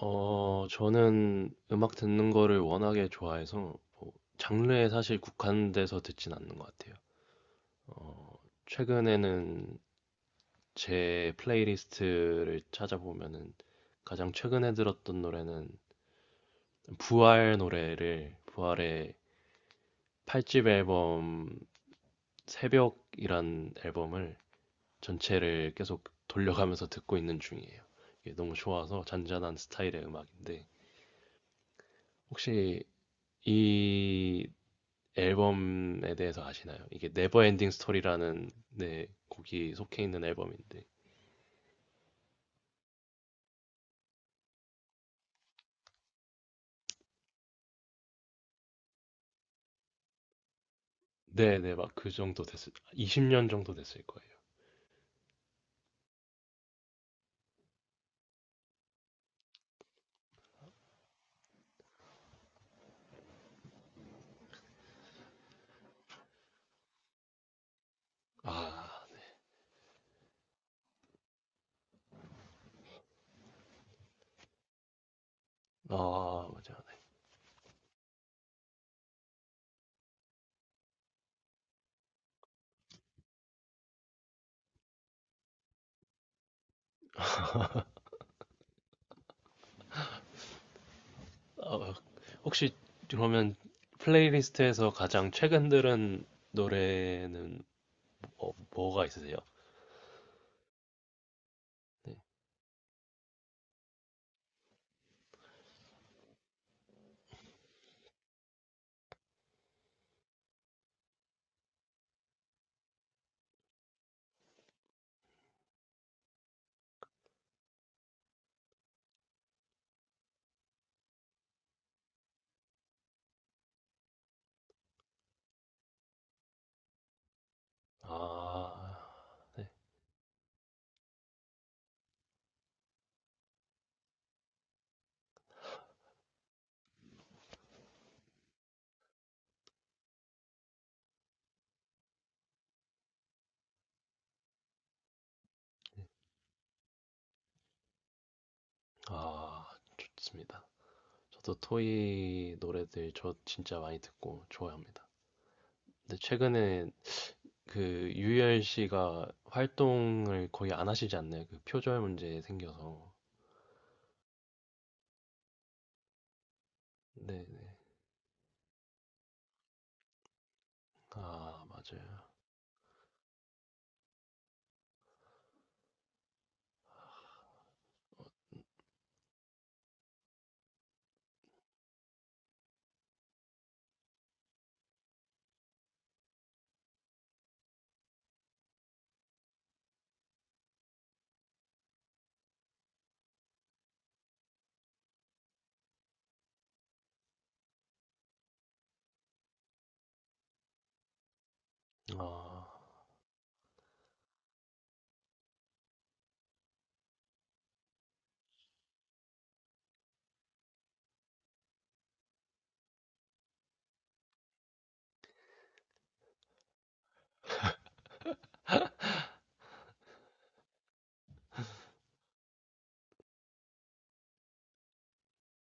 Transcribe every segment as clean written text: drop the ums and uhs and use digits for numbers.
저는 음악 듣는 거를 워낙에 좋아해서 장르에 사실 국한돼서 듣진 않는 것 같아요. 최근에는 제 플레이리스트를 찾아보면은 가장 최근에 들었던 노래는 부활의 8집 앨범 새벽이란 앨범을 전체를 계속 돌려가면서 듣고 있는 중이에요. 이게 너무 좋아서 잔잔한 스타일의 음악인데 혹시 이 앨범에 대해서 아시나요? 이게 네버엔딩 스토리라는 네 곡이 속해 있는 앨범인데 네네, 막 그 정도 됐을 20년 정도 됐을 거예요. 아, 아 맞아. 아, 혹시 그러면 플레이리스트에서 가장 최근 들은 노래는 뭐가 있으세요? 네. 아, 네. 아 좋습니다. 저도 토이 노래들 저 진짜 많이 듣고 좋아합니다. 근데 최근에 그 유열 씨가 활동을 거의 안 하시지 않나요? 그 표절 문제 생겨서. 네, 네. 아, 맞아요. 아,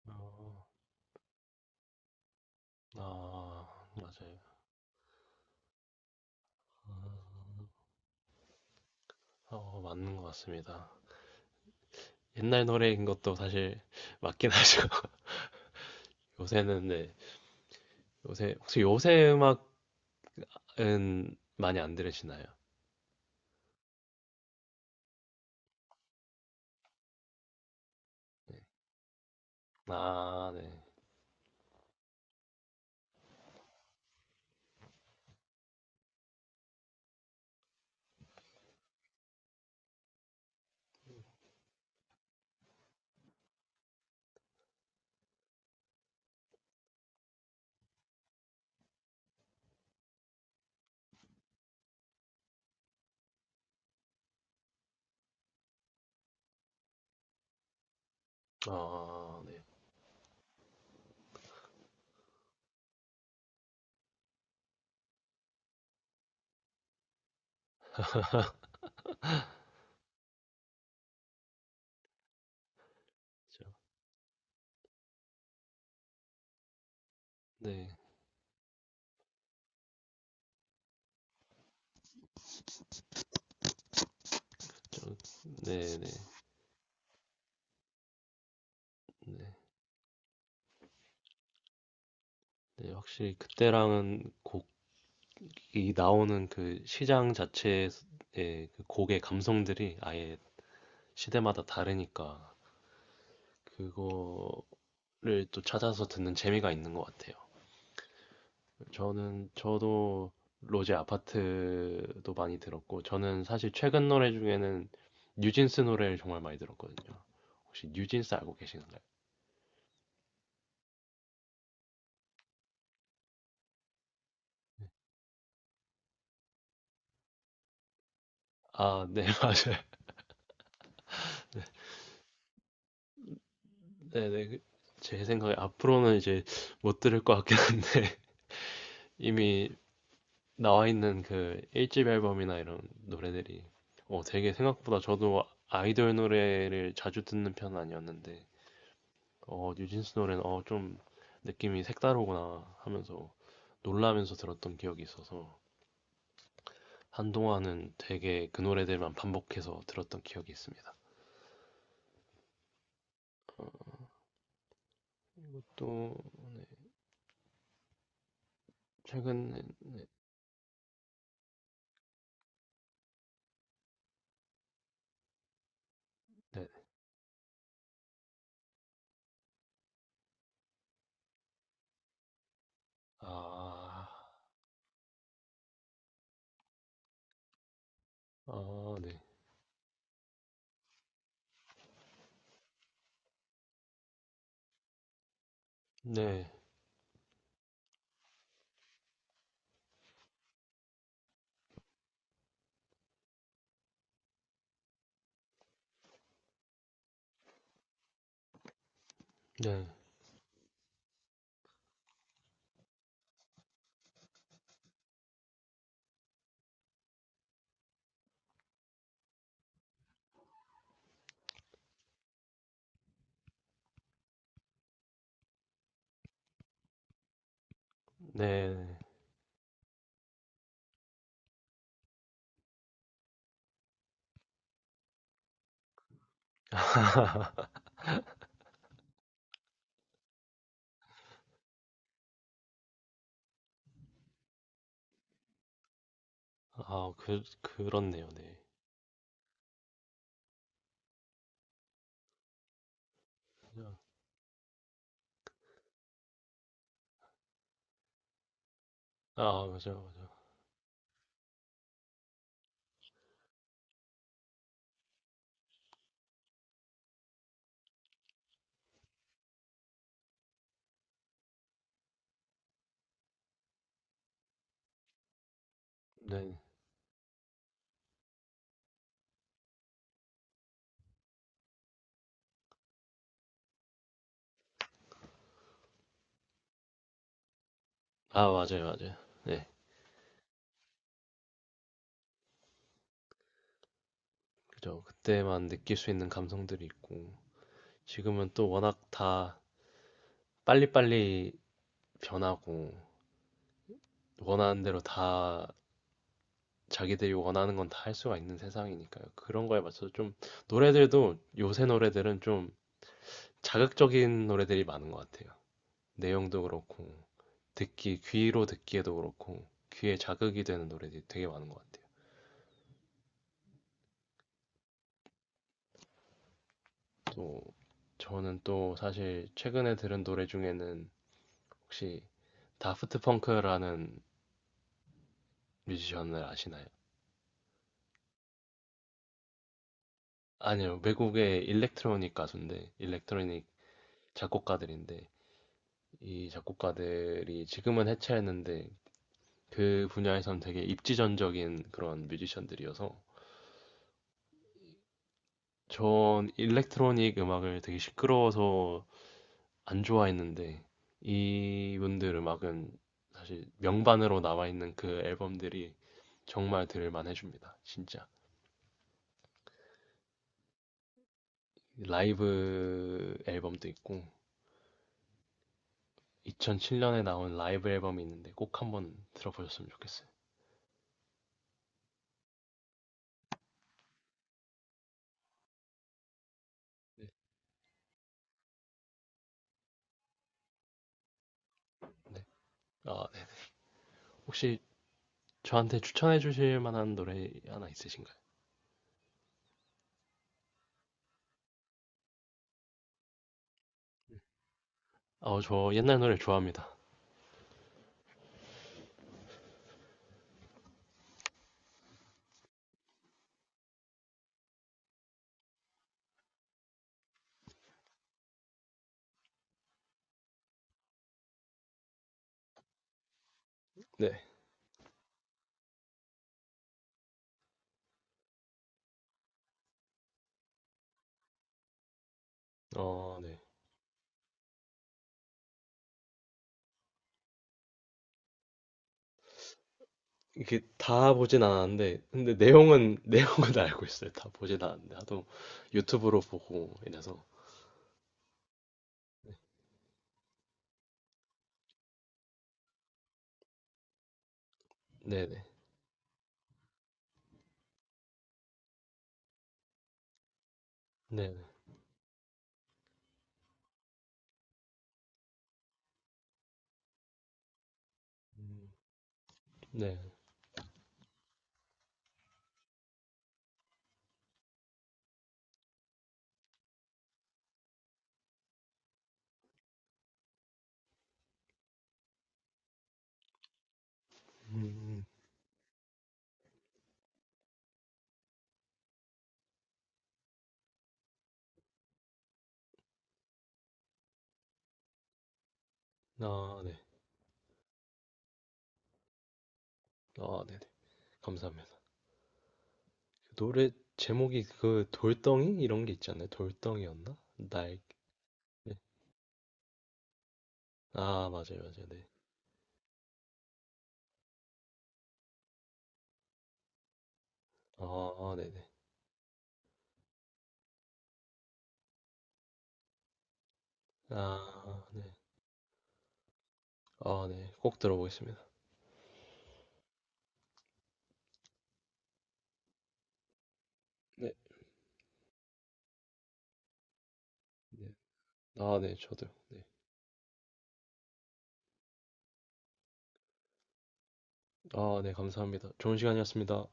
어, 아, 맞아요. 아, 맞는 것 같습니다. 옛날 노래인 것도 사실 맞긴 하죠. 요새는 네. 요새 혹시 요새 음악은 많이 안 들으시나요? 아, 네. 아, 네. 네, 네, 네. 네, 확실히 그때랑은 곡 이 나오는 그 시장 자체의 그 곡의 감성들이 아예 시대마다 다르니까 그거를 또 찾아서 듣는 재미가 있는 것 같아요. 저는 저도 로제 아파트도 많이 들었고 저는 사실 최근 노래 중에는 뉴진스 노래를 정말 많이 들었거든요. 혹시 뉴진스 알고 계시는가요? 아, 네, 맞아요. 네, 네. 그- 제 생각에 앞으로는 이제 못 들을 것 같긴 한데 이미 나와 있는 그 1집 앨범이나 이런 노래들이 되게 생각보다 저도 아이돌 노래를 자주 듣는 편은 아니었는데 뉴진스 노래는 좀 느낌이 색다르구나 하면서 놀라면서 들었던 기억이 있어서 한동안은 되게 그 노래들만 반복해서 들었던 기억이 있습니다. 또 최근 네. 아, 아, 네. 네. 네. 네. 아, 그 그렇네요. 네. 아, 맞아요. 맞아요. 네. 아, 맞아요, 맞아요. 네, 그죠. 그때만 느낄 수 있는 감성들이 있고, 지금은 또 워낙 다 빨리빨리 변하고, 원하는 대로 다 자기들이 원하는 건 다 할 수가 있는 세상이니까요. 그런 거에 맞춰서 좀, 노래들도 요새 노래들은 좀 자극적인 노래들이 많은 것 같아요. 내용도 그렇고, 듣기, 귀로 듣기에도 그렇고, 귀에 자극이 되는 노래들이 되게 많은 것 같아요. 또, 저는 또 사실 최근에 들은 노래 중에는 혹시 다프트 펑크라는 뮤지션을 아시나요? 아니요, 외국의 일렉트로닉 가수인데, 일렉트로닉 작곡가들인데, 이 작곡가들이 지금은 해체했는데, 그 분야에선 되게 입지전적인 그런 뮤지션들이어서, 전 일렉트로닉 음악을 되게 시끄러워서 안 좋아했는데, 이분들 음악은 사실 명반으로 나와 있는 그 앨범들이 정말 들을만 해줍니다, 진짜. 라이브 앨범도 있고, 2007년에 나온 라이브 앨범이 있는데 꼭 한번 들어보셨으면 좋겠어요. 아, 네. 혹시 저한테 추천해 주실 만한 노래 하나 있으신가요? 아, 저 옛날 노래 좋아합니다. 네. 어, 네. 이게 다 보진 않았는데, 근데 내용은, 내용은 알고 있어요. 다 보진 않았는데, 하도 유튜브로 보고 이래서. 네네. 네네. 음, 네. 음, 아, 네. 아, 네네. 감사합니다. 노래 제목이 그 돌덩이? 이런 게 있지 않나요? 돌덩이였나? 날, 네. 아 맞아요 맞아요 네. 어 어, 네네. 아 네. 아 네. 꼭 들어보겠습니다. 네. 네. 아 네. 저도요. 네. 아 네. 감사합니다. 좋은 시간이었습니다.